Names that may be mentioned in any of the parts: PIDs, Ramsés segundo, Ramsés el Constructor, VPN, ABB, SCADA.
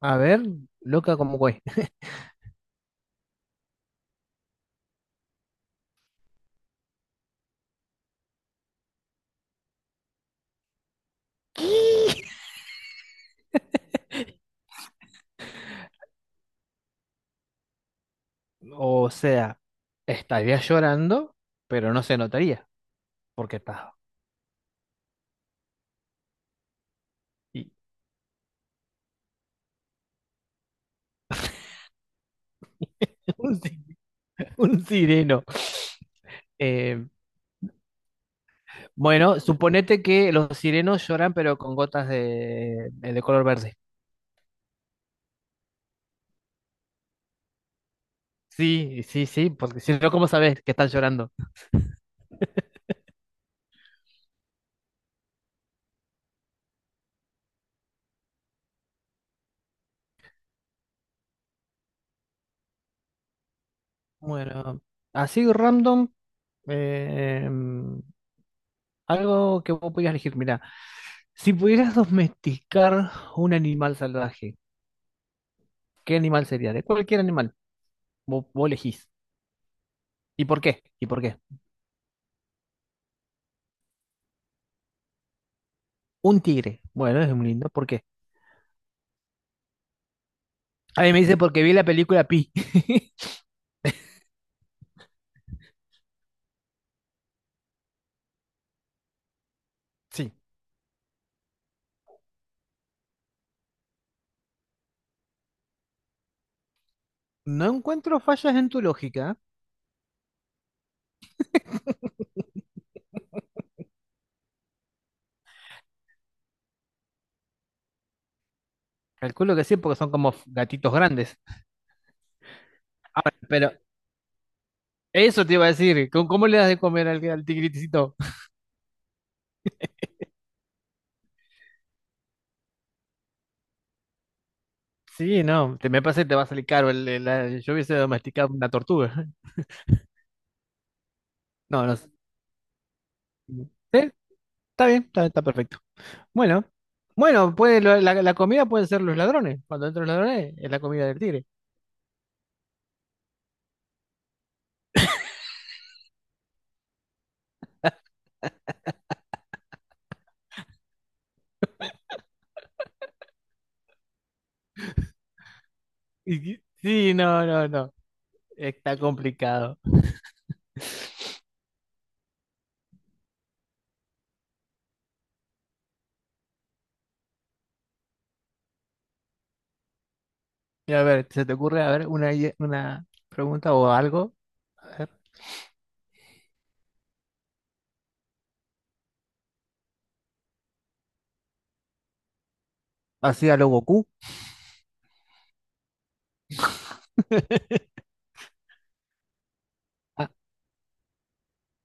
A ver, loca como güey. O sea, estaría llorando, pero no se notaría, porque está y- un, si- un sireno. Eh, bueno, suponete que los sirenos lloran, pero con gotas de de color verde. Sí, sí, sí, porque si no, ¿cómo sabes que están llorando? Bueno, así random, eh, mm, algo que vos pudieras elegir. Mira, si pudieras domesticar un animal salvaje, ¿qué animal sería? De cualquier animal. Vos elegís. ¿Y por qué? ¿Y por qué? Un tigre. Bueno, es muy lindo. ¿Por qué? A mí me dice porque vi la película Pi. Sí. No encuentro fallas en tu lógica. Calculo que sí, porque son como gatitos grandes. Ahora, pero eso te iba a decir. ¿Cómo le das de comer al tigritecito? Sí, no. Te, me parece que te va a salir caro. Yo hubiese domesticado una tortuga. No, no sé. Sí, está bien, está, está perfecto. Bueno, bueno, puede, la comida pueden ser los ladrones. Cuando entran los ladrones, es la comida del tigre. Sí, no, no, no. Está complicado. Mira, a ver, ¿se te ocurre, a ver, una pregunta o algo? A ver. Así a lo Goku. Ah,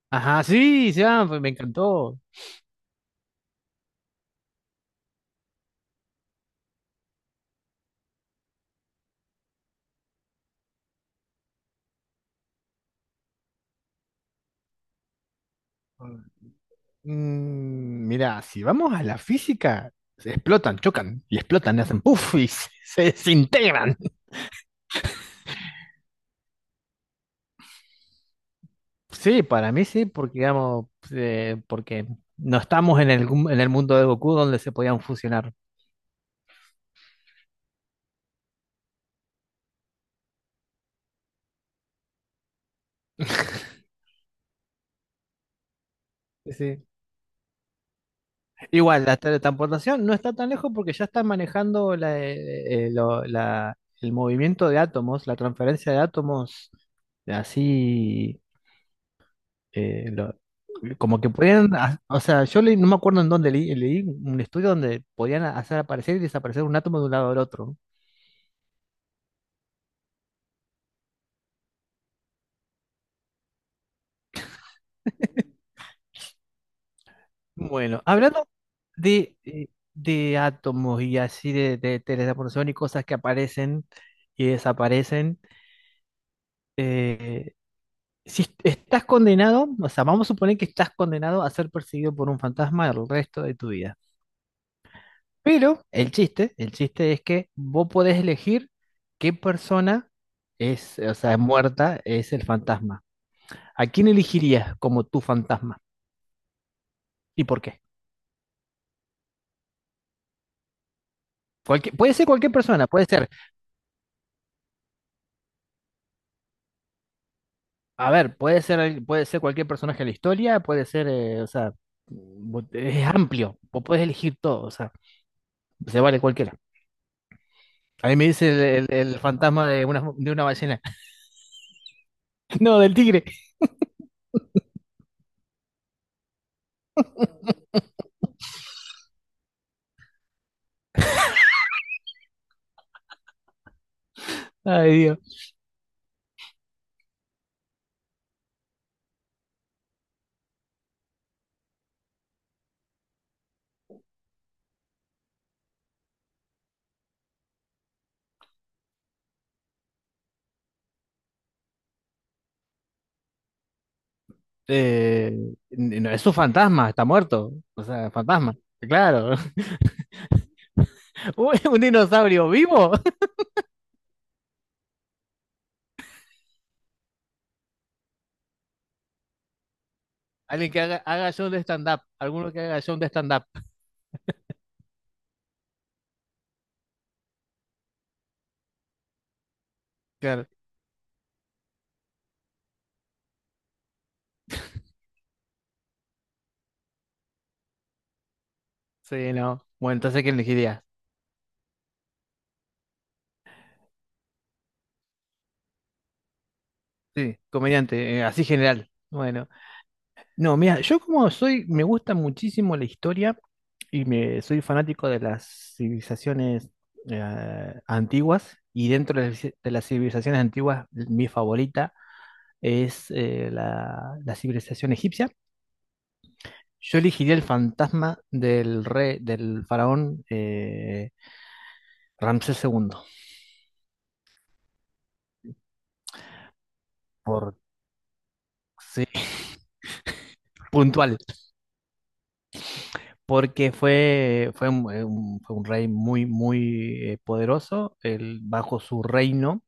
ajá, sí, ya, pues me encantó. Mira, si vamos a la física, se explotan, chocan y explotan, y hacen puff y se desintegran. Sí, para mí sí, porque digamos, porque no estamos en el, en el mundo de Goku donde se podían fusionar. Sí. Igual, la teletransportación no está tan lejos porque ya están manejando el movimiento de átomos, la transferencia de átomos, así, eh, lo- como que podían, o sea, no me acuerdo en dónde leí, leí un estudio donde podían hacer aparecer y desaparecer un átomo de un lado al otro. Bueno, hablando de, eh, de átomos y así de teletransportación y cosas que aparecen y desaparecen. eh, si estás condenado, o sea, vamos a suponer que estás condenado a ser perseguido por un fantasma el resto de tu vida. Pero el chiste es que vos podés elegir qué persona es, o sea, muerta es el fantasma. ¿A quién elegirías como tu fantasma? ¿Y por qué? Puede ser cualquier persona, puede ser, a ver, puede ser, puede ser cualquier personaje de la historia, puede ser, o sea, es amplio, vos podés elegir todo, o sea, se vale cualquiera. A mí me dice el fantasma de de una ballena. No, del tigre. Ay, Dios. Eh, no, es un fantasma, está muerto. O sea, fantasma. Claro. Un dinosaurio vivo? Alguien que haga show de stand-up. Alguno que haga show de stand-up. Claro. Sí, no. Bueno, entonces, ¿quién elegiría? Sí, comediante, así general. Bueno. No, mira, yo como soy, me gusta muchísimo la historia y me soy fanático de las civilizaciones antiguas. Y dentro de las civilizaciones antiguas, mi favorita es la civilización egipcia. Yo elegiría el fantasma del rey, del faraón Ramsés segundo por, sí, puntual, porque fue un rey muy, muy poderoso. Él, bajo su reino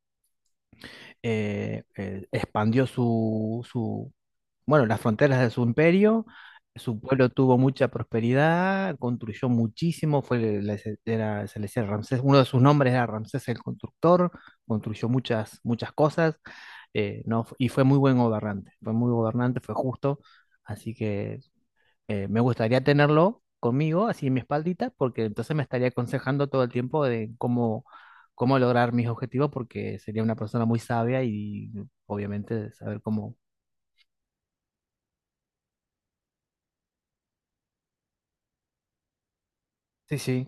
expandió bueno, las fronteras de su imperio, su pueblo tuvo mucha prosperidad, construyó muchísimo, se le decía Ramsés, uno de sus nombres era Ramsés el Constructor, construyó muchas, muchas cosas, no, y fue muy buen gobernante, fue muy gobernante, fue justo, así que me gustaría tenerlo conmigo, así en mi espaldita, porque entonces me estaría aconsejando todo el tiempo de cómo, cómo lograr mis objetivos, porque sería una persona muy sabia y obviamente saber cómo. Sí, sí.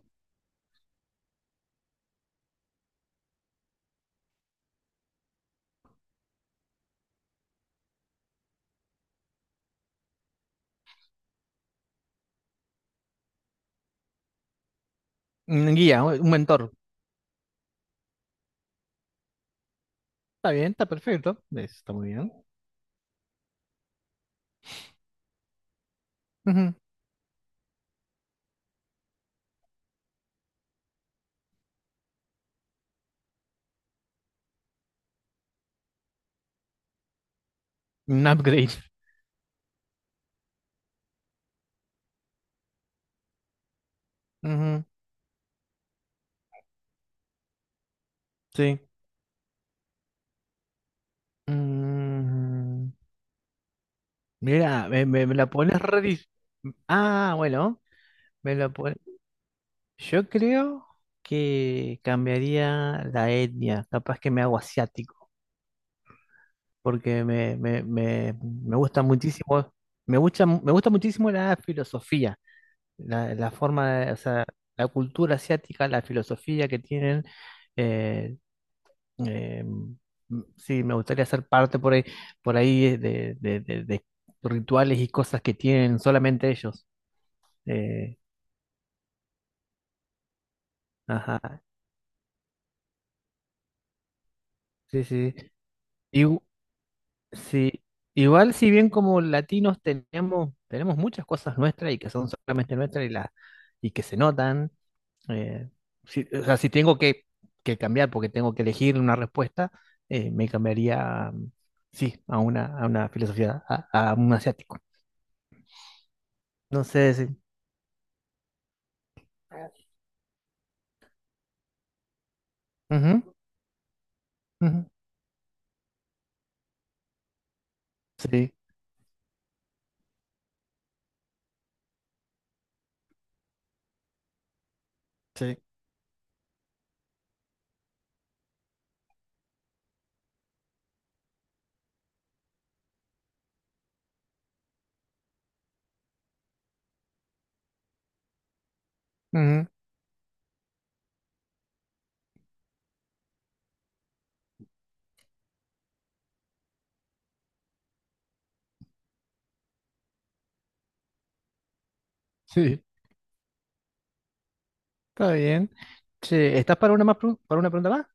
Un guía, un mentor. Está bien, está perfecto. Está muy bien. Ujú. Un upgrade. Ujú, sí. Mm, mira, me la pones Ah, bueno, me la pones. Yo creo que cambiaría la etnia, capaz que me hago asiático, porque me gusta muchísimo, me gusta muchísimo la filosofía, la forma, o sea, la cultura asiática, la filosofía que tienen. eh, sí, me gustaría ser parte por ahí de rituales y cosas que tienen solamente ellos. Eh, ajá, sí, sí. Sí, igual si bien como latinos tenemos, tenemos muchas cosas nuestras y que son solamente nuestras y que se notan, eh, o sea, si tengo que cambiar porque tengo que elegir una respuesta, me cambiaría, mm, sí, a una filosofía, a un asiático. No sé si... Ujú, ujú, sí, sí, ujú, sí, está bien. Che, ¿estás para una más, para una pregunta más?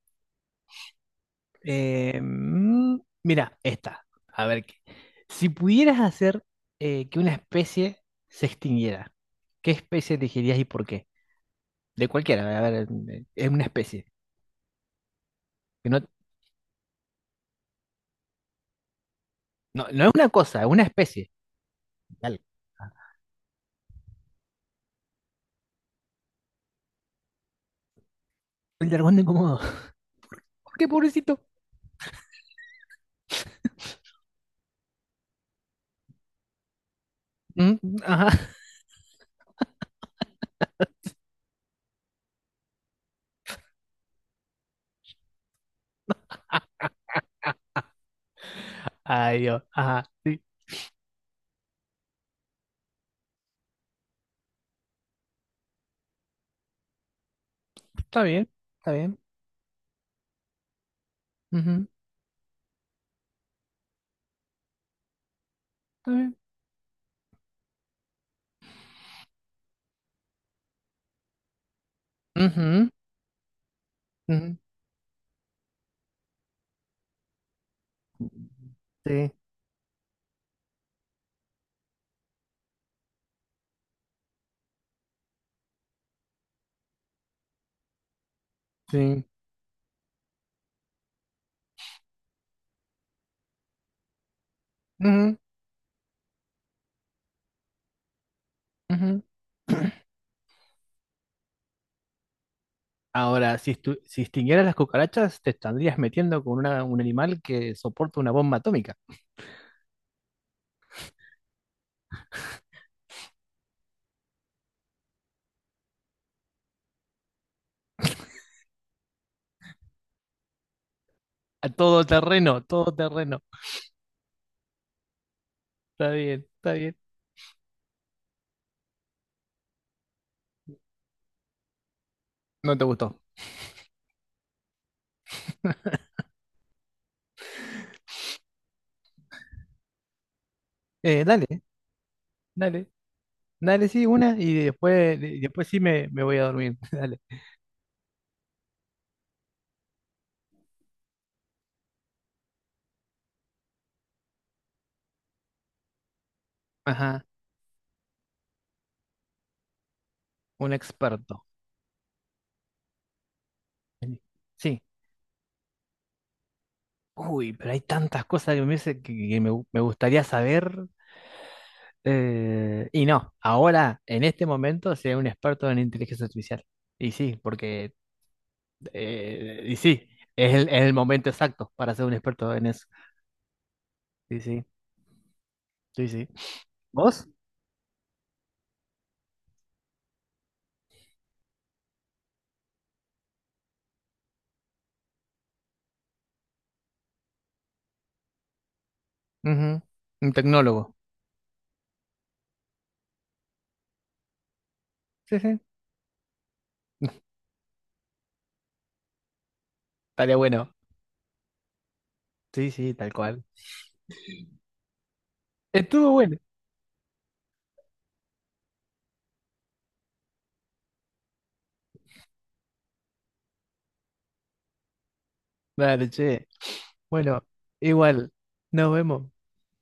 Eh, mm, Mira, esta. A ver, si pudieras hacer que una especie se extinguiera, ¿qué especie elegirías y por qué? De cualquiera, a ver, es una especie. Que no, no, no es una cosa, es una especie. Dale. El dragón de Komodo. ¿Por qué, pobrecito? Mm, ajá. Ay, Dios. Ajá. Sí. Está bien, está bien. Ujú, está bien. Ujú, ujú. Sí, sí. Ujú, ujú. Ahora, si, si extinguieras las cucarachas, te estarías metiendo con un animal que soporta una bomba atómica. A todo terreno, todo terreno. Está bien, está bien. No te gustó. Dale, dale, dale, sí, una y después sí me voy a dormir. Dale. Ajá, un experto. Sí. Uy, pero hay tantas cosas que me, hubiese- que me, gu- me gustaría saber. Y no, ahora, en este momento, sea un experto en inteligencia artificial. Y sí, porque eh, y sí, es el momento exacto para ser un experto en eso. Sí, sí, sí, sí. ¿Vos? Ujú, un tecnólogo. Sí, sí. Estaría bueno. Sí, sí, tal cual. Estuvo bueno. Dale, che. Bueno, igual. Nos vemos.